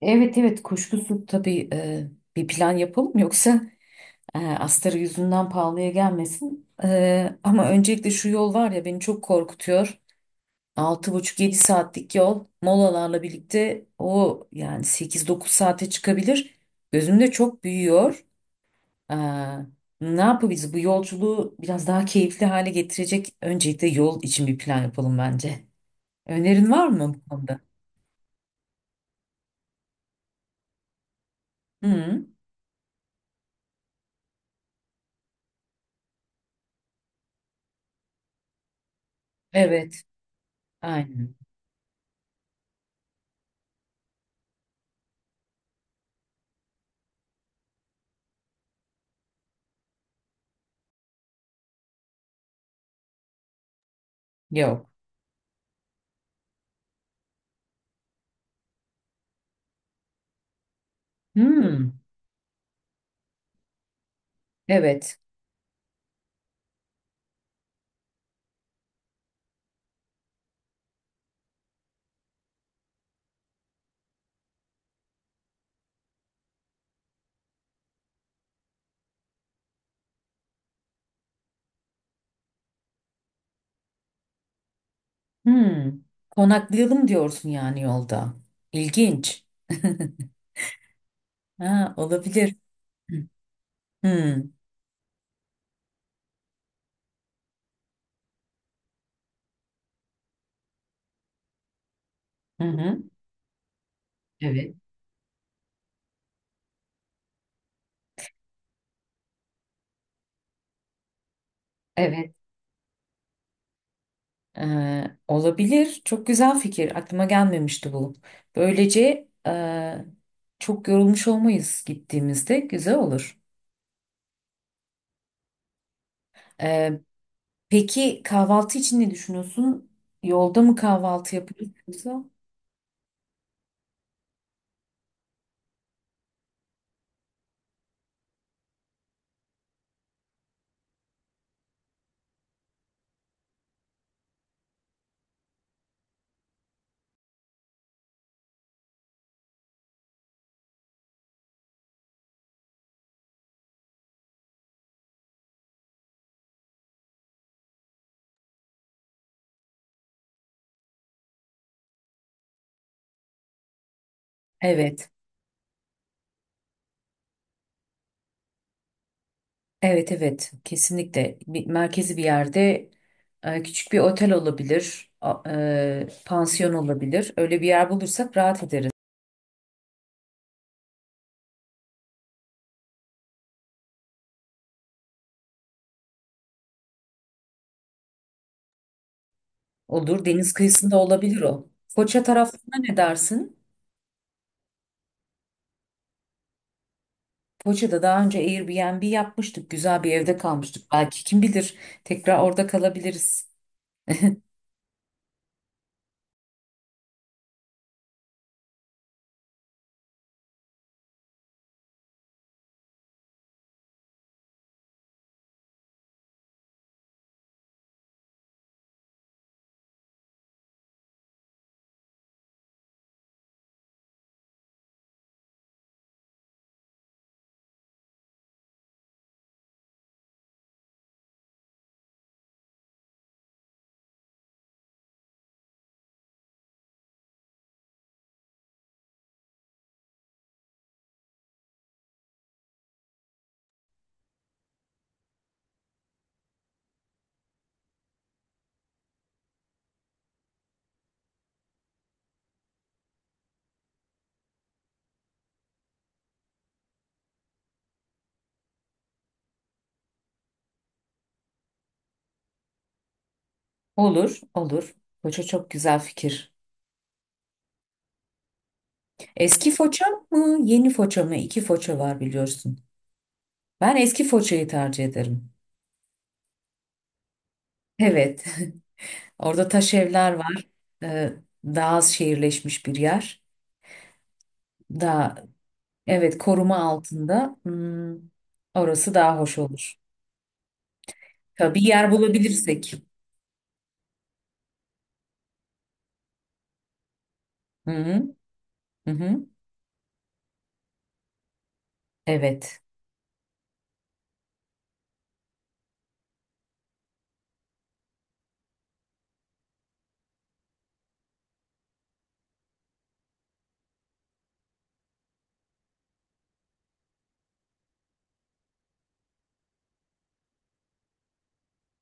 Evet evet kuşkusuz tabii bir plan yapalım yoksa astarı yüzünden pahalıya gelmesin. Ama öncelikle şu yol var ya beni çok korkutuyor. 6,5-7 saatlik yol molalarla birlikte o yani 8-9 saate çıkabilir. Gözümde çok büyüyor. E, ne yapabiliriz? Bu yolculuğu biraz daha keyifli hale getirecek öncelikle yol için bir plan yapalım bence. Önerin var mı bu konuda? Hı, evet, aynen, yok. Hı. Evet. Hmm. Konaklayalım diyorsun yani yolda. İlginç. Ha, olabilir. Hmm. Hı hı. Evet. Evet. Olabilir. Çok güzel fikir. Aklıma gelmemişti bu. Böylece çok yorulmuş olmayız gittiğimizde. Güzel olur. Ee, peki kahvaltı için ne düşünüyorsun? Yolda mı kahvaltı yapıyoruz yoksa? Evet. Evet evet kesinlikle merkezi bir yerde küçük bir otel olabilir, pansiyon olabilir. Öyle bir yer bulursak rahat ederiz. Olur, deniz kıyısında olabilir o. Foça tarafına ne dersin? Foça'da daha önce Airbnb yapmıştık. Güzel bir evde kalmıştık. Belki kim bilir tekrar orada kalabiliriz. Olur olur. Foça çok güzel fikir. Eski Foça mı yeni Foça mı? İki Foça var biliyorsun. Ben eski Foça'yı tercih ederim. Evet. Orada taş evler var. Ee, daha az şehirleşmiş bir yer. Daha, evet, koruma altında. Orası daha hoş olur. Tabii yer bulabilirsek. Hı hı, hı hı. Evet.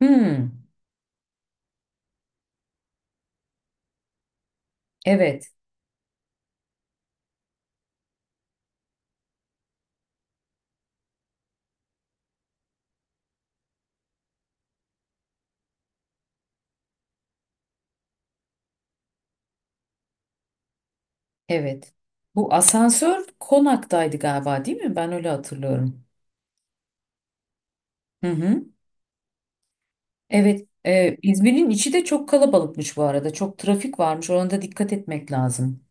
Hmm, evet, evet. Bu asansör konaktaydı galiba değil mi? Ben öyle hatırlıyorum. Hı hı. Evet. İzmir'in içi de çok kalabalıkmış bu arada. Çok trafik varmış. Ona da dikkat etmek lazım.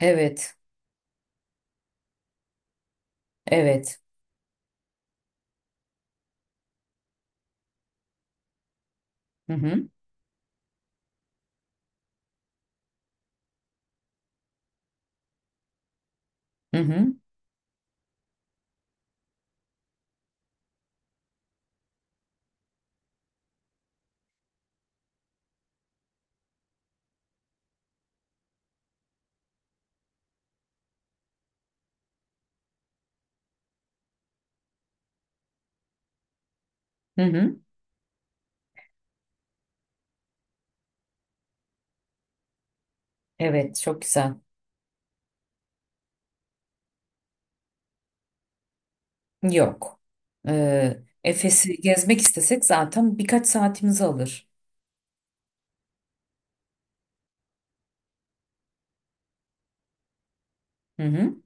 Evet. Evet. Hı hı. Hı hı. Hı hı. Evet, çok güzel. Yok. Ee, Efes'i gezmek istesek zaten birkaç saatimizi alır. Hı hı.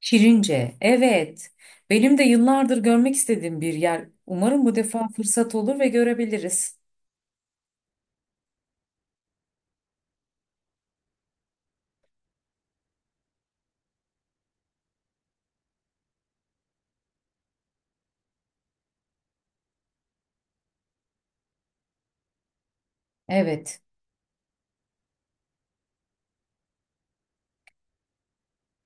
Şirince, evet. Benim de yıllardır görmek istediğim bir yer. Umarım bu defa fırsat olur ve görebiliriz. Evet.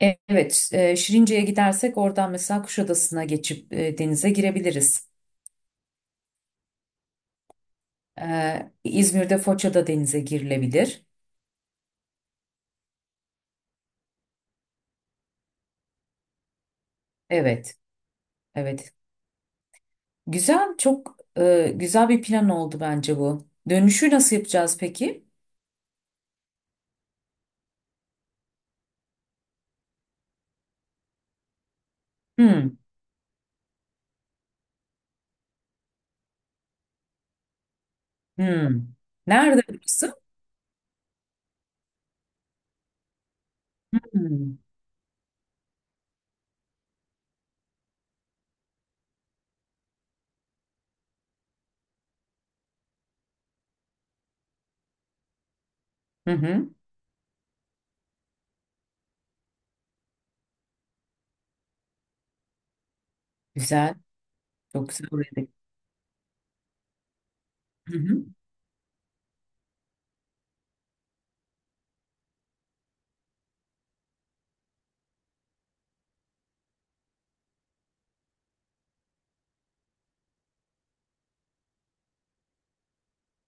Evet, Şirince'ye gidersek oradan mesela Kuşadası'na geçip denize girebiliriz. İzmir'de Foça'da denize girilebilir. Evet, evet. Güzel, çok güzel bir plan oldu bence bu. Dönüşü nasıl yapacağız peki? Hmm, hmm. Nerede burası? Hmm. Hı hı. Güzel. Çok güzel orada. Hı hı.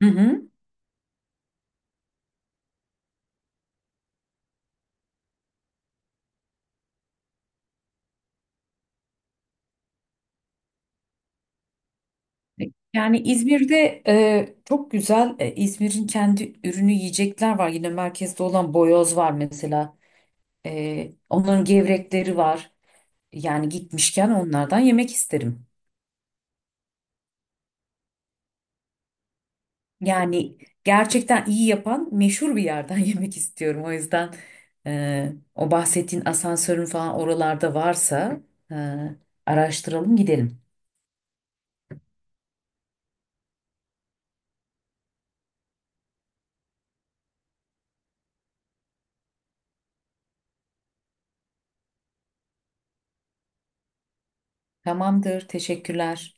Hı hı. Yani İzmir'de çok güzel İzmir'in kendi ürünü yiyecekler var. Yine merkezde olan boyoz var mesela. Onların gevrekleri var. Yani gitmişken onlardan yemek isterim. Yani gerçekten iyi yapan meşhur bir yerden yemek istiyorum. O yüzden o bahsettiğin asansörün falan oralarda varsa e, araştıralım gidelim. Tamamdır. Teşekkürler.